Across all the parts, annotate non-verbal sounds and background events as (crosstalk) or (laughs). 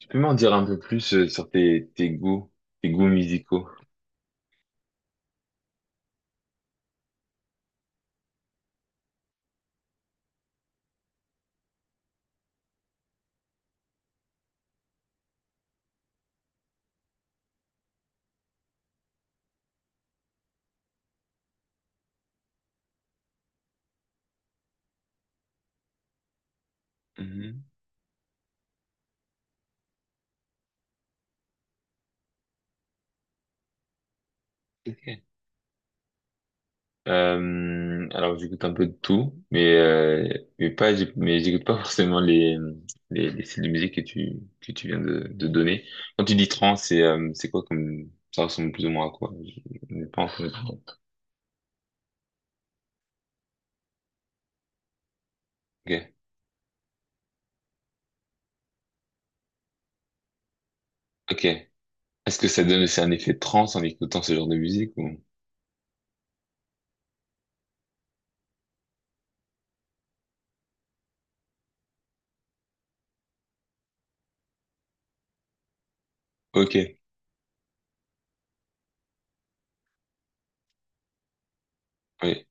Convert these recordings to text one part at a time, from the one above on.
Peux-tu m'en dire un peu plus sur tes goûts musicaux? Mhm. Ok. Alors j'écoute un peu de tout, mais pas j'éc- mais j'écoute pas (laughs) forcément les styles de musique que tu viens de donner. Quand tu dis trance, c'est quoi comme ça ressemble plus ou moins à quoi? Je n'ai pas entendu. Ok, ok. Est-ce que ça donne aussi un effet de trance en écoutant ce genre de musique ou? Ok, oui,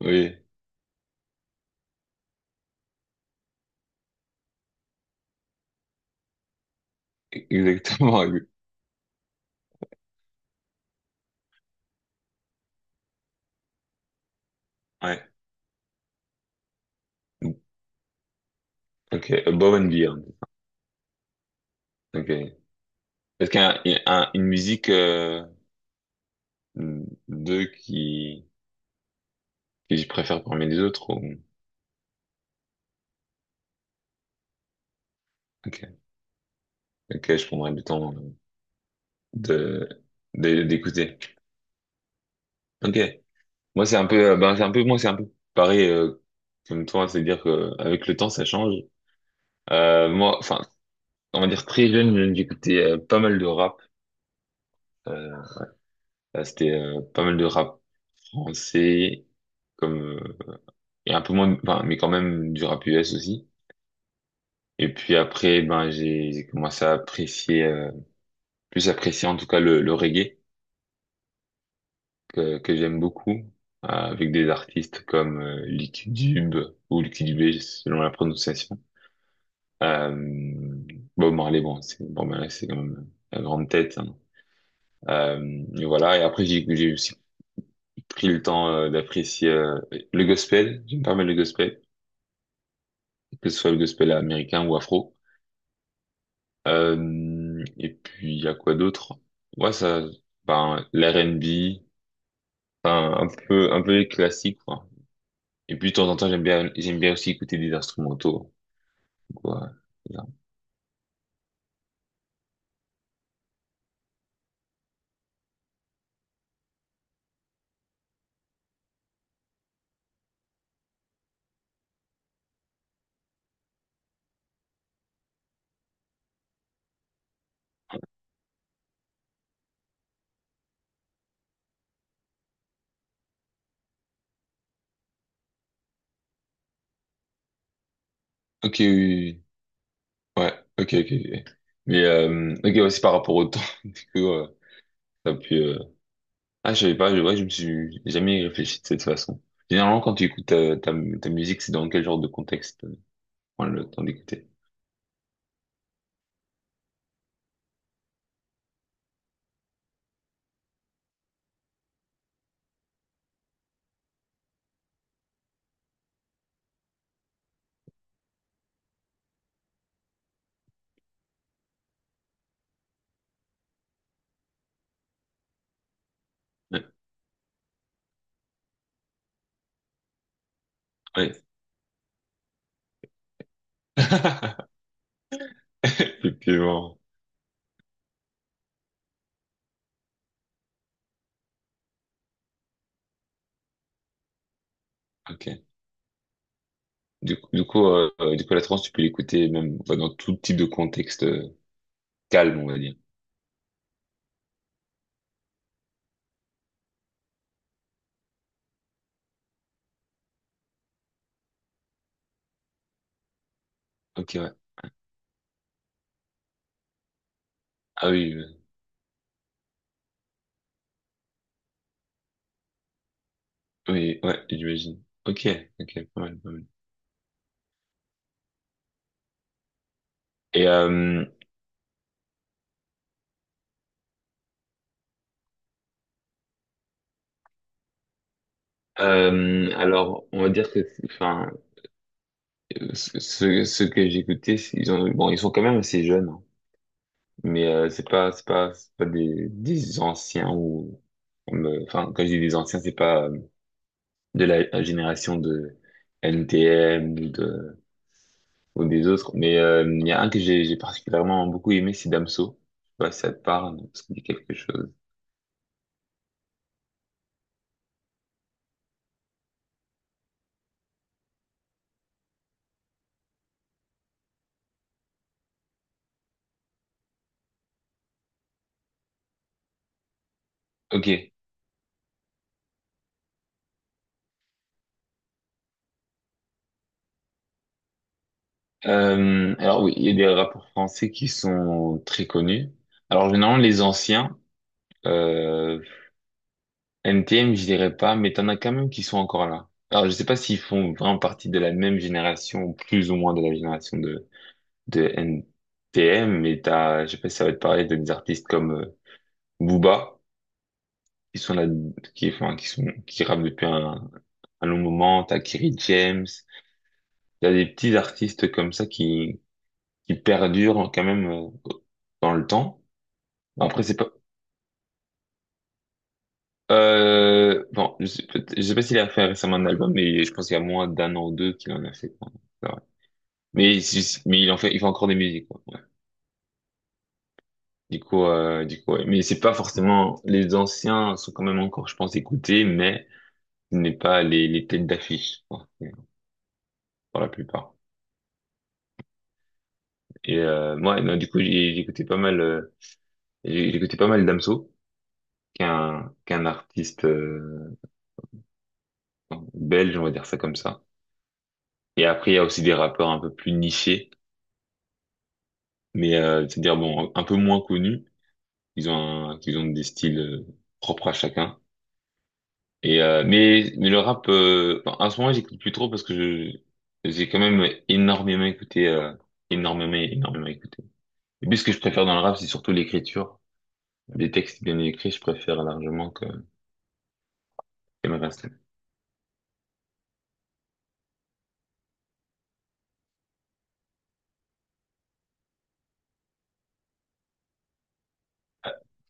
oui, exactement. (laughs) Ouais. Ok, Above and Beyond. Ok. Parce qu'un une musique deux qui que je préfère parmi les autres ou... Ok, ok, je prendrai le temps de d'écouter. Ok, moi c'est un peu, c'est un peu, moi c'est un peu pareil comme toi, c'est-à-dire que avec le temps ça change. Moi, enfin, on va dire très jeune, j'écoutais pas mal de rap. Euh, Là, c'était pas mal de rap français, comme et un peu moins, enfin, mais quand même du rap US aussi. Et puis après, ben, j'ai commencé à plus apprécier en tout cas le reggae que j'aime beaucoup, avec des artistes comme Lick Dube ou Lick Dubé, selon la prononciation. Euh, Bob Marley, bon, c'est bon, ben là, c'est quand même la grande tête, hein. Et voilà. Et après, j'ai aussi pris le temps d'apprécier le gospel. J'aime pas mal le gospel, que ce soit le gospel américain ou afro. Et puis, il y a quoi d'autre? Ouais, ça, ben, l'R&B, enfin, un peu les classiques, quoi. Et puis, de temps en temps, j'aime bien aussi écouter des instrumentaux, quoi. Ok, oui, oui, oui. Ouais, ok, ok, ok. Mais, ok, ouais, c'est par rapport au temps, (laughs) du coup, t'as pu, je savais pas, ouais, je me suis jamais réfléchi de cette façon. Généralement, quand tu écoutes ta musique, c'est dans quel genre de contexte, tu prends le temps d'écouter? Ouais, ouais. (laughs) Effectivement. Ok. Du coup, la trance, tu peux l'écouter même enfin, dans tout type de contexte calme, on va dire. Ok, ouais. Ah oui, oui, ouais, j'imagine. Ok, ok, pas mal, pas mal. Et alors, on va dire que, enfin, ceux, ceux que j'ai écoutés, ils ont, bon, ils sont quand même assez jeunes, hein. Mais c'est pas des, des anciens ou, enfin, quand je dis des anciens, c'est pas de la génération de NTM ou des autres. Mais il y a un que j'ai particulièrement beaucoup aimé, c'est Damso. Je sais pas si ça te parle, ça te dit quelque chose. Ok. Alors oui, il y a des rappeurs français qui sont très connus. Alors généralement les anciens, euh, NTM je dirais pas, mais t'en as quand même qui sont encore là. Alors je sais pas s'ils font vraiment partie de la même génération, plus ou moins de la génération de NTM, mais t'as, je sais pas si ça va te parler t'as des artistes comme Booba qui sont là, qui enfin, qui sont qui rappent depuis un, à nos moment, t'as Kerry James, il y a des petits artistes comme ça qui perdurent quand même dans le temps. Après, c'est pas... Bon, je sais, peut- je sais pas s'il a fait récemment un album, mais je pense qu'il y a moins d'un an ou deux qu'il en a fait, quoi. C'est vrai. Mais, si- mais il en fait, il fait encore des musiques, quoi. Ouais. Du coup, ouais. Mais c'est pas forcément... Les anciens sont quand même encore, je pense, écoutés, mais ce n'est pas les têtes d'affiche, quoi, pour la plupart. Et moi, non, du coup, j'ai écouté pas mal... j'ai écouté pas mal Damso. Qu'un artiste belge, on va dire ça comme ça. Et après, il y a aussi des rappeurs un peu plus nichés, mais c'est-à-dire bon, un peu moins connus. Ils ont un, ils ont des styles propres à chacun. Et mais le rap, enfin, en ce moment, j'écoute plus trop parce que je j'ai quand même énormément écouté, énormément, énormément écouté. Et puis, ce que je préfère dans le rap, c'est surtout l'écriture. Des textes bien écrits, je préfère largement que le reste.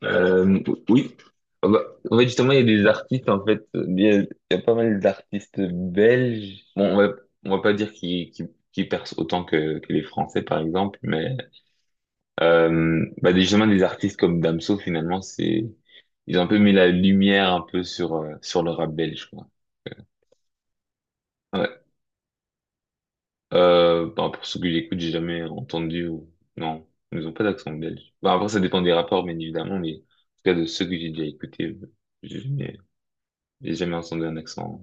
Euh, oui. Ah bah, en fait, justement, il y a des artistes, en fait, il y a pas mal d'artistes belges. Bon, on va pas dire qu'ils qui percent autant que les Français, par exemple, mais bah, des- justement, des artistes comme Damso, finalement, c'est ils ont un peu mis la lumière un peu sur, sur le rap belge, quoi. Ouais. Bah, pour ceux que j'écoute, j'ai jamais entendu ou... Non, ils ont pas d'accent belge. Bah, après, ça dépend des rapports, bien évidemment, mais en tout cas, de ceux que j'ai déjà écoutés, j'ai jamais entendu un accent.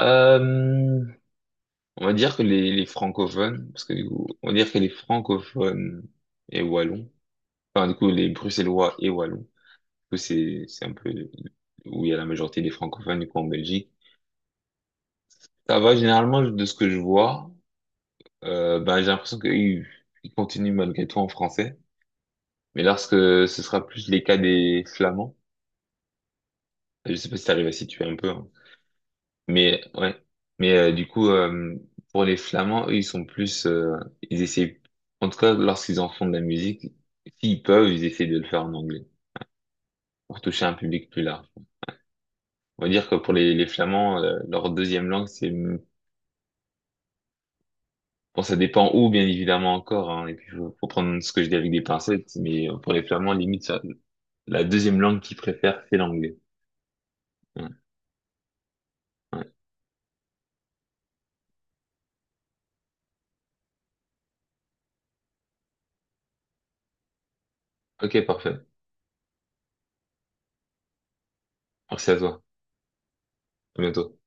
Euh, on va dire que les francophones, parce que du coup, on va dire que les francophones et wallons, enfin du coup les bruxellois et wallons, du coup c'est un peu où il y a la majorité des francophones du coup en Belgique. Ça va généralement de ce que je vois, ben j'ai l'impression qu'ils ils continuent malgré tout en français, mais lorsque ce sera plus les cas des flamands, je sais pas si t'arrives à situer un peu, hein. Mais ouais, mais euh, du coup, euh, pour les Flamands, eux, ils sont plus, ils essaient, en tout cas, lorsqu'ils en font de la musique, s'ils peuvent, ils essaient de le faire en anglais pour toucher un public plus large. On va dire que pour les Flamands, leur deuxième langue, c'est, bon, ça dépend où, bien évidemment encore, hein, et puis faut prendre ce que je dis avec des pincettes, mais pour les Flamands, limite, ça- la deuxième langue qu'ils préfèrent, c'est l'anglais. Ouais, ouais. Ok, parfait. Merci à toi. À bientôt.